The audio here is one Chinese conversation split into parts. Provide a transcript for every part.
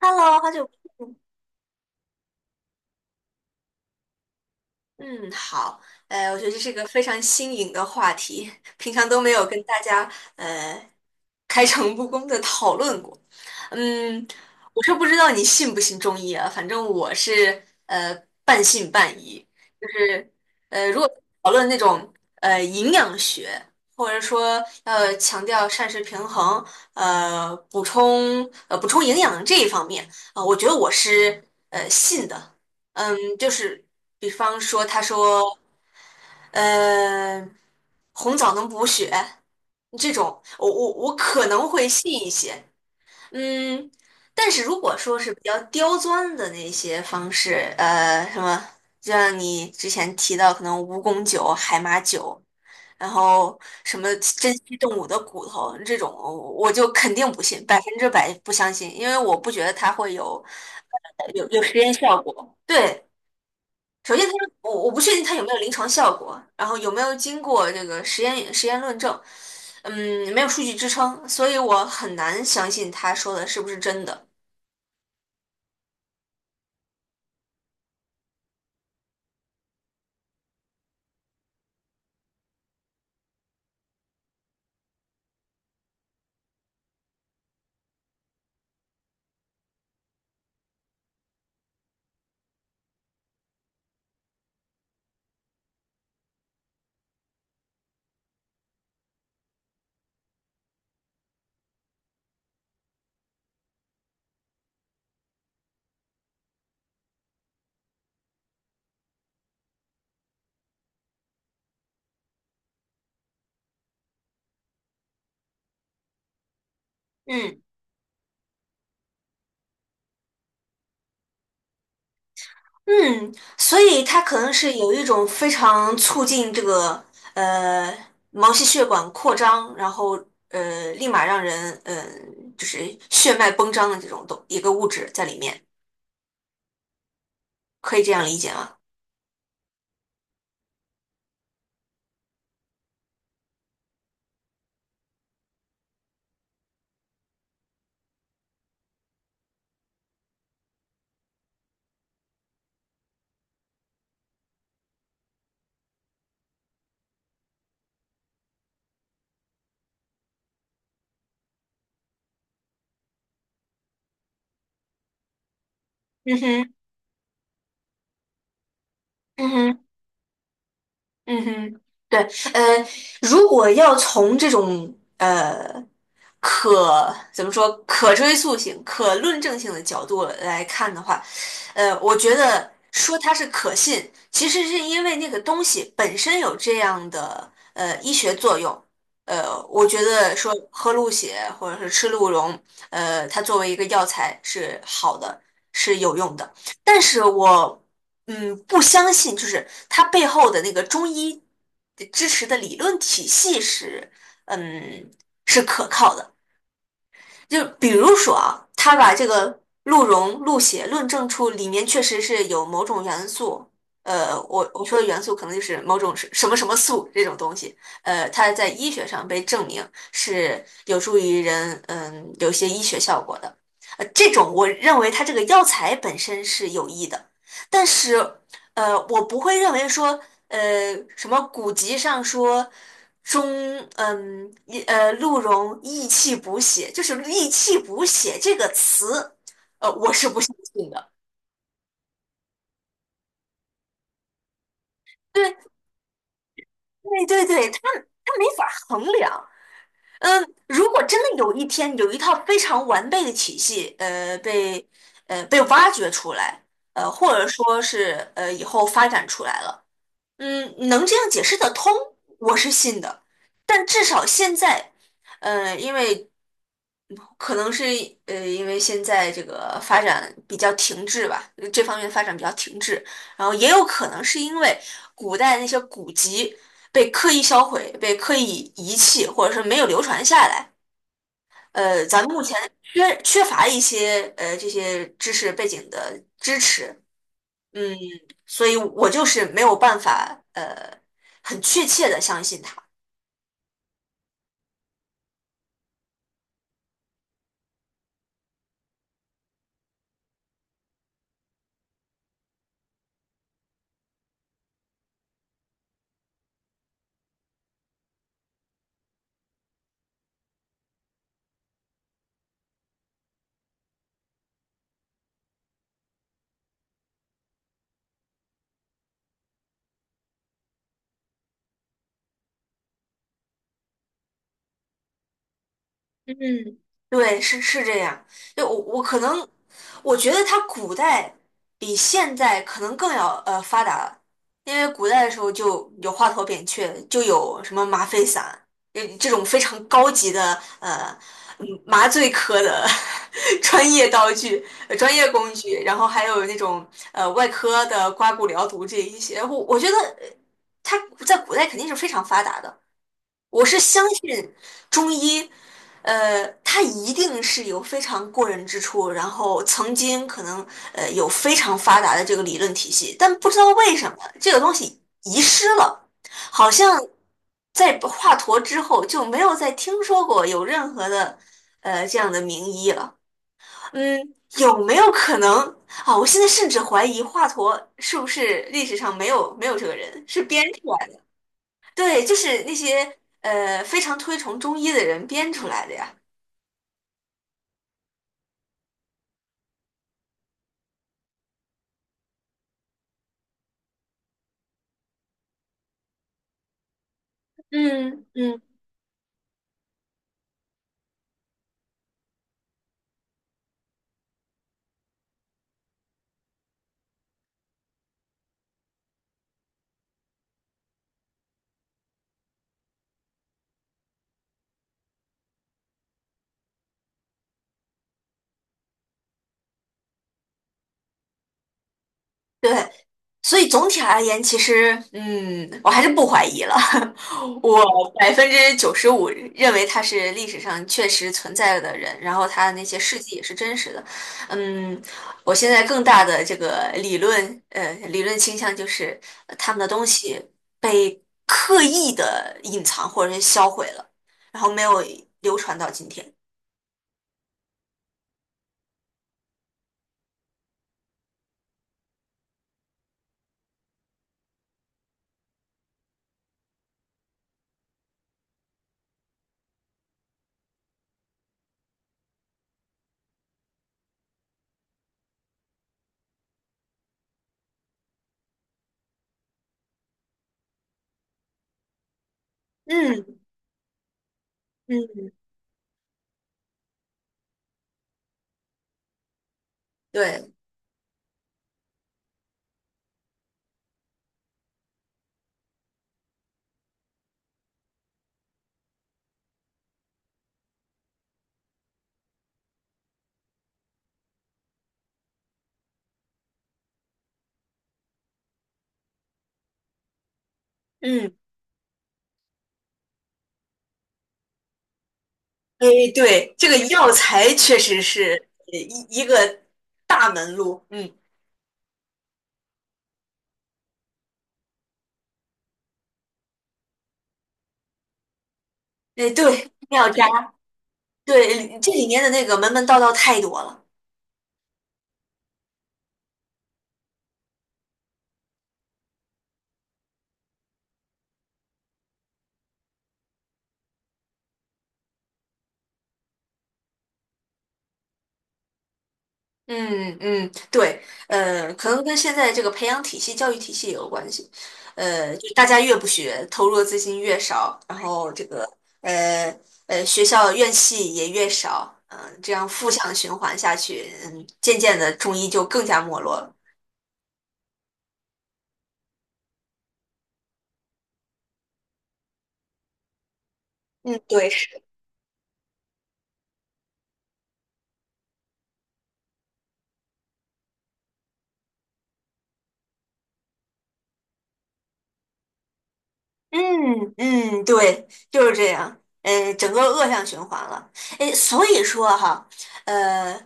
Hello，好久不见。嗯，好，我觉得这是个非常新颖的话题，平常都没有跟大家呃开诚布公的讨论过。嗯，我是不知道你信不信中医啊，反正我是呃半信半疑，就是如果讨论那种营养学，或者说要强调膳食平衡，补充营养这一方面，我觉得我是信的。嗯，就是比方说，他说，呃，红枣能补血这种，我可能会信一些，嗯，但是如果说是比较刁钻的那些方式，什么，就像你之前提到可能蜈蚣酒、海马酒，然后什么珍稀动物的骨头这种，我就肯定不信，百分之百不相信，因为我不觉得它会有实验效果，对。首先它是，我不确定它有没有临床效果，然后有没有经过这个实验论证，嗯，没有数据支撑，所以我很难相信他说的是不是真的。嗯嗯，所以它可能是有一种非常促进这个呃毛细血管扩张，然后立马让人就是血脉绷张的这种东一个物质在里面，可以这样理解吗？嗯哼，嗯哼。嗯哼，对，呃，如果要从这种怎么说可追溯性、可论证性的角度来看的话，我觉得说它是可信，其实是因为那个东西本身有这样的医学作用。我觉得说喝鹿血或者是吃鹿茸，它作为一个药材是好的，是有用的。但是我不相信，就是它背后的那个中医支持的理论体系是，嗯，是可靠的。就比如说啊，他把这个鹿茸、鹿血论证出里面确实是有某种元素，我说的元素可能就是某种是什么什么素这种东西，它在医学上被证明是有助于人，有些医学效果的。这种我认为它这个药材本身是有益的，但是，我不会认为说呃，什么古籍上说中，嗯，一呃，鹿茸益气补血，就是"益气补血"这个词，我是不相信的。对对对对，它没法衡量。嗯，如果真的有一天有一套非常完备的体系，被挖掘出来，或者说是以后发展出来了。嗯，能这样解释得通，我是信的。但至少现在，因为可能是因为现在这个发展比较停滞吧，这方面发展比较停滞，然后也有可能是因为古代那些古籍被刻意销毁、被刻意遗弃，或者是没有流传下来。咱目前缺乏一些这些知识背景的支持，嗯，所以我就是没有办法，很确切的相信他。嗯，对，是这样。就我可能，我觉得它古代比现在可能更要发达了。因为古代的时候就有华佗扁鹊，就有什么麻沸散，这种非常高级的呃麻醉科的 专业道具、专业工具，然后还有那种外科的刮骨疗毒这一些，我觉得它在古代肯定是非常发达的。我是相信中医，它一定是有非常过人之处，然后曾经可能有非常发达的这个理论体系，但不知道为什么这个东西遗失了，好像在华佗之后就没有再听说过有任何的这样的名医了。嗯，有没有可能啊？我现在甚至怀疑华佗是不是历史上没有这个人，是编出来的。对，就是那些非常推崇中医的人编出来的呀。嗯嗯，对，所以总体而言，其实我还是不怀疑了。我95%认为他是历史上确实存在的人，然后他的那些事迹也是真实的。嗯，我现在更大的这个理论倾向就是他们的东西被刻意的隐藏或者是销毁了，然后没有流传到今天。嗯嗯，对，嗯，哎，对，这个药材确实是一个大门路，嗯，哎，对，妙家，对，这里面的那个门门道道太多了，嗯嗯，对，可能跟现在这个培养体系、教育体系也有关系，就大家越不学，投入的资金越少，然后这个呃学校院系也越少，这样负向循环下去，渐渐的中医就更加没落了，嗯，对。嗯嗯，对，就是这样，整个恶性循环了。哎，所以说哈，呃，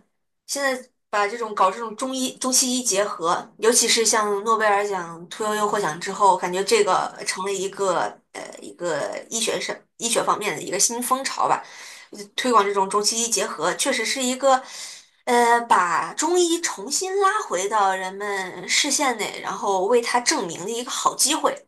现在把这种搞这种中西医结合，尤其是像诺贝尔奖屠呦呦获奖之后，感觉这个成了一个一个医学方面的一个新风潮吧。推广这种中西医结合，确实是一个把中医重新拉回到人们视线内，然后为它证明的一个好机会。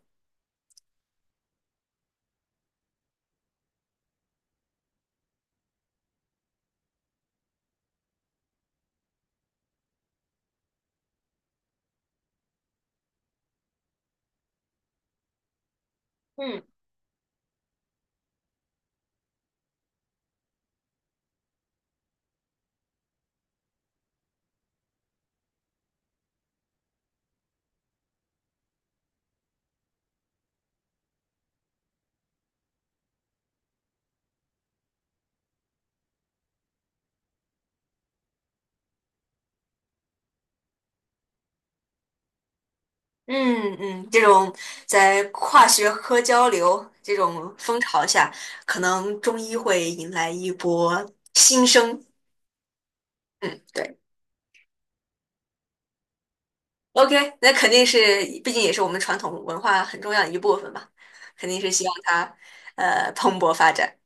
嗯嗯嗯，这种在跨学科交流这种风潮下，可能中医会迎来一波新生。嗯，对，OK，那肯定是，毕竟也是我们传统文化很重要的一部分嘛，肯定是希望它蓬勃发展。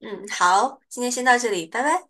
嗯，好，今天先到这里，拜拜。